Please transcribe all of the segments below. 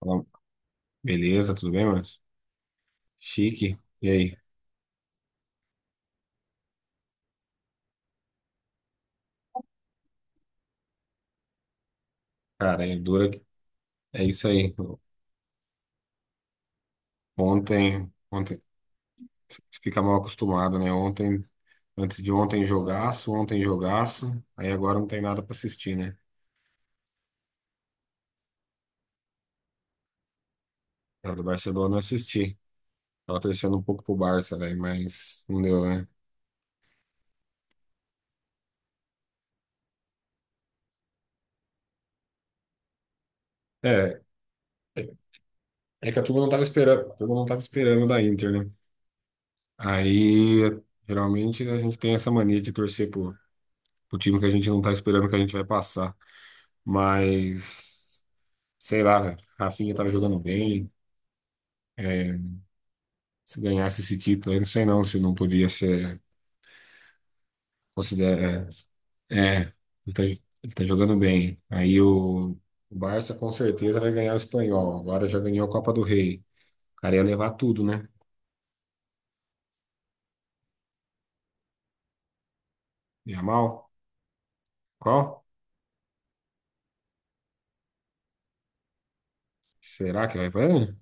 Fala. Beleza, tudo bem, mano? Chique. E aí? Cara, é dura. É isso aí. Ontem, fica mal acostumado, né? Ontem, antes de ontem, jogaço, ontem, jogaço. Aí agora não tem nada pra assistir, né? A do Barcelona eu assisti. Tava torcendo um pouco pro Barça, velho, mas não deu, né? É, é, é que a turma não tava esperando, a turma não tava esperando da Inter, né? Aí, geralmente, a gente tem essa mania de torcer pro time que a gente não tá esperando que a gente vai passar. Mas, sei lá, velho, Rafinha tava jogando bem. É, se ganhasse esse título, eu não sei não se não podia ser considerado. É, é, ele tá jogando bem. Aí o Barça com certeza vai ganhar o espanhol. Agora já ganhou a Copa do Rei. O cara ia levar tudo, né? Yamal? Qual? Será que vai ganhar?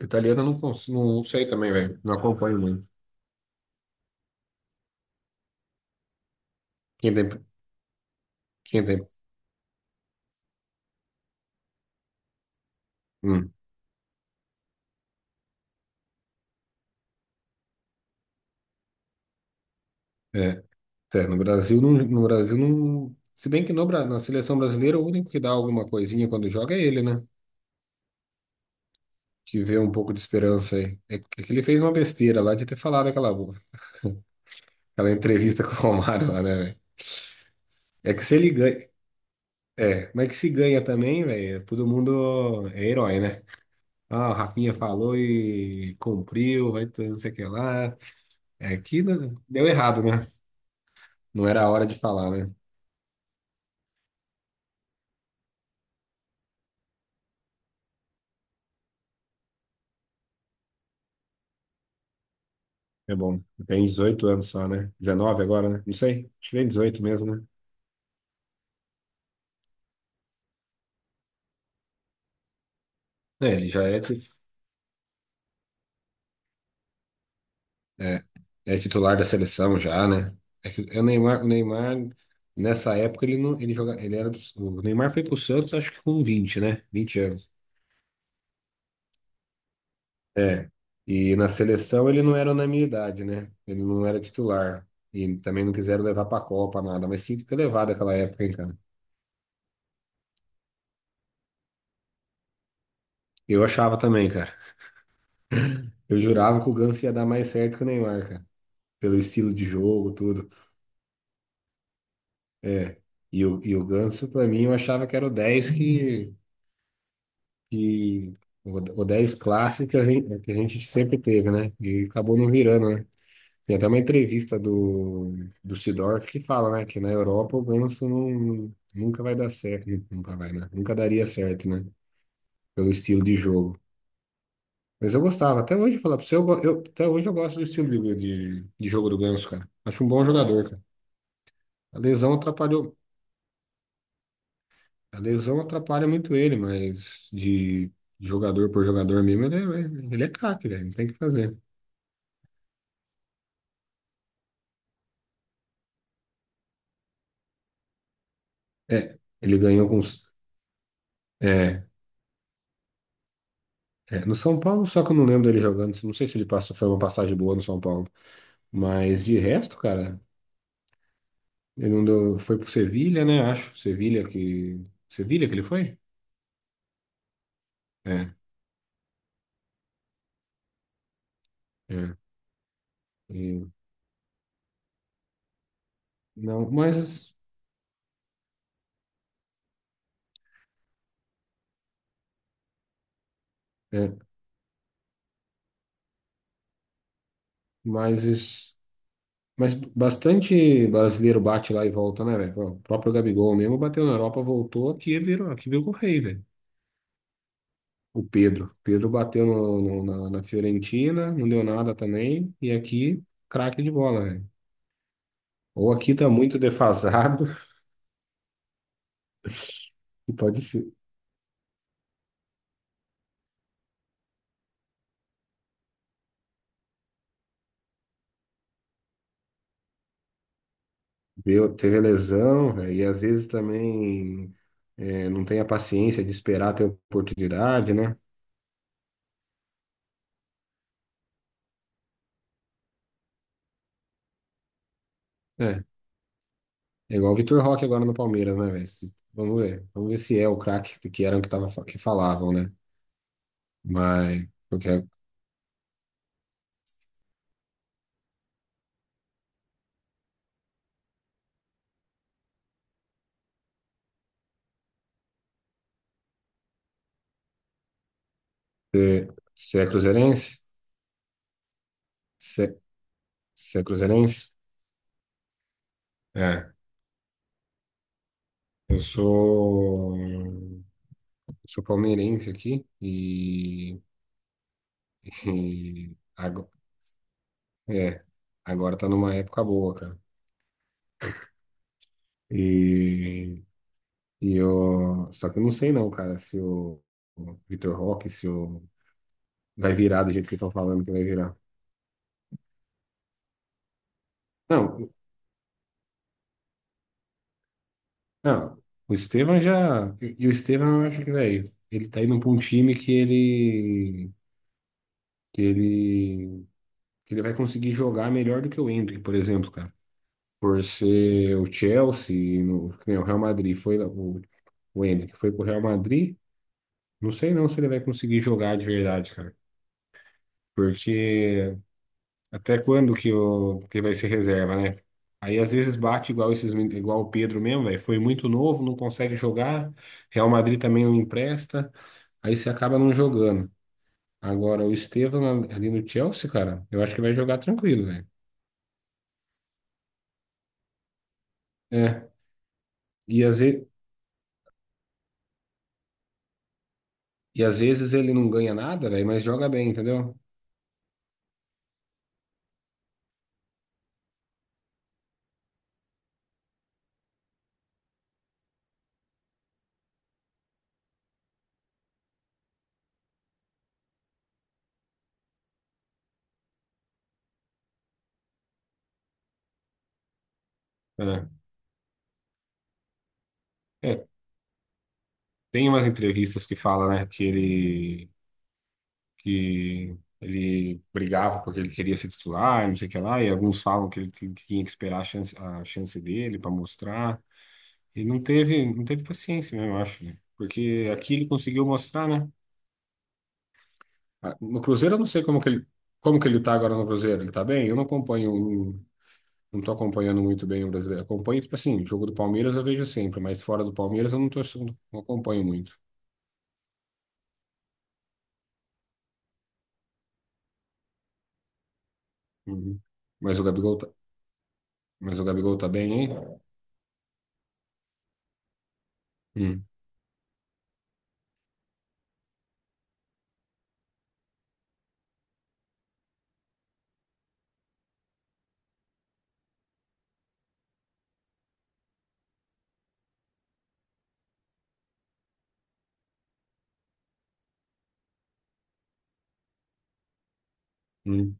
Italiana eu não, não sei também, velho. Não acompanho muito. Quem tem. Quem tem. Hum, é. É, no Brasil, não, no Brasil não. Se bem que no, na seleção brasileira, o único que dá alguma coisinha quando joga é ele, né? Que vê um pouco de esperança aí. É que ele fez uma besteira lá de ter falado aquela entrevista com o Romário lá, né, velho? É que se ele ganha. É, mas é que se ganha também, velho, todo mundo é herói, né? Ah, o Rafinha falou e cumpriu, vai ter não sei o que lá. É que deu errado, né? Não era a hora de falar, né? É bom. Tem 18 anos só, né? 19 agora, né? Não sei. Acho que tem 18 mesmo, né? É, ele já é. É, é titular da seleção já, né? É que o Neymar nessa época ele não, ele joga, ele era o Neymar foi pro Santos acho que com 20 né? 20 anos. É. E na seleção ele não era na minha idade, né? Ele não era titular. E também não quiseram levar pra Copa nada, mas tinha que ter levado aquela época, hein, cara. Eu achava também, cara. Eu jurava que o Ganso ia dar mais certo que o Neymar, cara. Pelo estilo de jogo, tudo. É. E o Ganso, pra mim, eu achava que era o 10 que de o 10 clássico que a gente, sempre teve, né? E acabou não virando, né? Tem até uma entrevista do Seedorf que fala, né, que na Europa o Ganso não, nunca vai dar certo, nunca vai, né? Nunca daria certo, né? Pelo estilo de jogo. Mas eu gostava, até hoje, falar pra você, até hoje eu gosto do estilo de jogo do Ganso, cara. Acho um bom jogador, cara. A lesão atrapalhou, a lesão atrapalha muito ele, mas de jogador por jogador mesmo, ele é craque, velho, não tem o que fazer. É, ele ganhou É, é, no São Paulo, só que eu não lembro dele jogando. Não sei se ele passou, foi uma passagem boa no São Paulo. Mas de resto, cara, ele não deu, foi pro Sevilha, né? Acho. Sevilha que. Sevilha que ele foi? É, é. E- não, mas. É, mas. Mas bastante brasileiro bate lá e volta, né, velho? O próprio Gabigol mesmo bateu na Europa, voltou aqui e virou, aqui virou rei, velho. O Pedro. Pedro bateu na Fiorentina, não deu nada também. E aqui, craque de bola, velho. Ou aqui tá muito defasado, e pode ser. Deu, teve lesão, velho, e às vezes também é, não tem a paciência de esperar ter oportunidade, né? É, é igual o Vitor Roque agora no Palmeiras, né, velho? Vamos ver. Vamos ver se é o craque que eram que, tava, que falavam, né? Mas, porque é, você você é cruzeirense? Você você é cruzeirense? É. Eu sou palmeirense aqui e, e é, agora tá numa época boa, cara. E, e eu, só que eu não sei não, cara, se o, o Vitor Roque, se o, vai virar do jeito que estão falando que vai virar. Não, não, o Estevão já, e o Estevão eu acho que, velho, ele tá indo pra um time que ele, que ele, que ele vai conseguir jogar melhor do que o Endrick, por exemplo, cara. Por ser o Chelsea, no, que nem o Real Madrid, o Ender, que foi pro Real Madrid, não sei não se ele vai conseguir jogar de verdade, cara. Porque até quando que vai ser reserva, né? Aí às vezes bate igual esses, igual o Pedro mesmo, velho. Foi muito novo, não consegue jogar. Real Madrid também não empresta. Aí você acaba não jogando. Agora, o Estevão ali no Chelsea, cara, eu acho que vai jogar tranquilo, velho. É. E às vezes, e às vezes ele não ganha nada, velho, mas joga bem, entendeu? É. É, tem umas entrevistas que fala, né, que ele brigava porque ele queria ser titular, não sei o que lá, e alguns falam que ele tinha que esperar a chance dele para mostrar, e não teve paciência mesmo, eu acho, né? Porque aqui ele conseguiu mostrar, né? Ah, no Cruzeiro eu não sei como que ele, tá agora no Cruzeiro, ele tá bem? Eu não acompanho, não, não tô acompanhando muito bem o brasileiro, acompanho, tipo assim, jogo do Palmeiras eu vejo sempre, mas fora do Palmeiras eu não tô, não acompanho muito. Uhum. Mas o Gabigol, tá- Mas o Gabigol tá bem, hein? Hum, hum,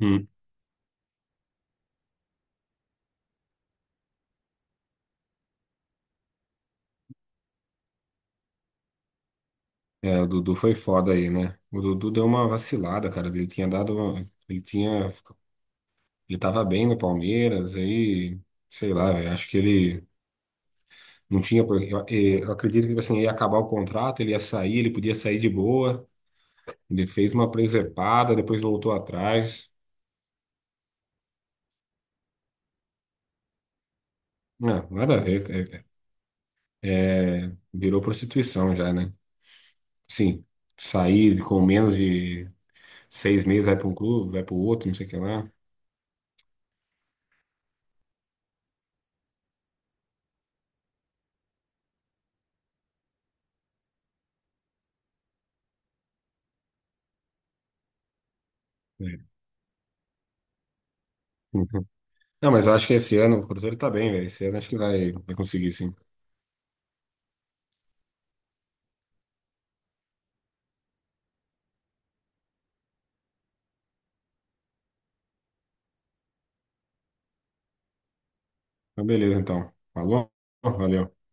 hum. É, o Dudu foi foda aí, né? O Dudu deu uma vacilada, cara. Ele tinha dado. Ele tinha. Ele tava bem no Palmeiras, aí. Sei lá, velho. Acho que ele não tinha. Eu acredito que tipo assim, ia acabar o contrato, ele ia sair, ele podia sair de boa. Ele fez uma presepada, depois voltou atrás. Não, nada a ver. É, é, é, virou prostituição já, né? Sim, sair com menos de 6 meses, vai pra um clube, vai pro outro, não sei o que lá. É. Uhum. Não, mas eu acho que esse ano o Cruzeiro tá bem, velho. Esse ano acho que vai conseguir, sim. Então, beleza, então. Falou? Valeu.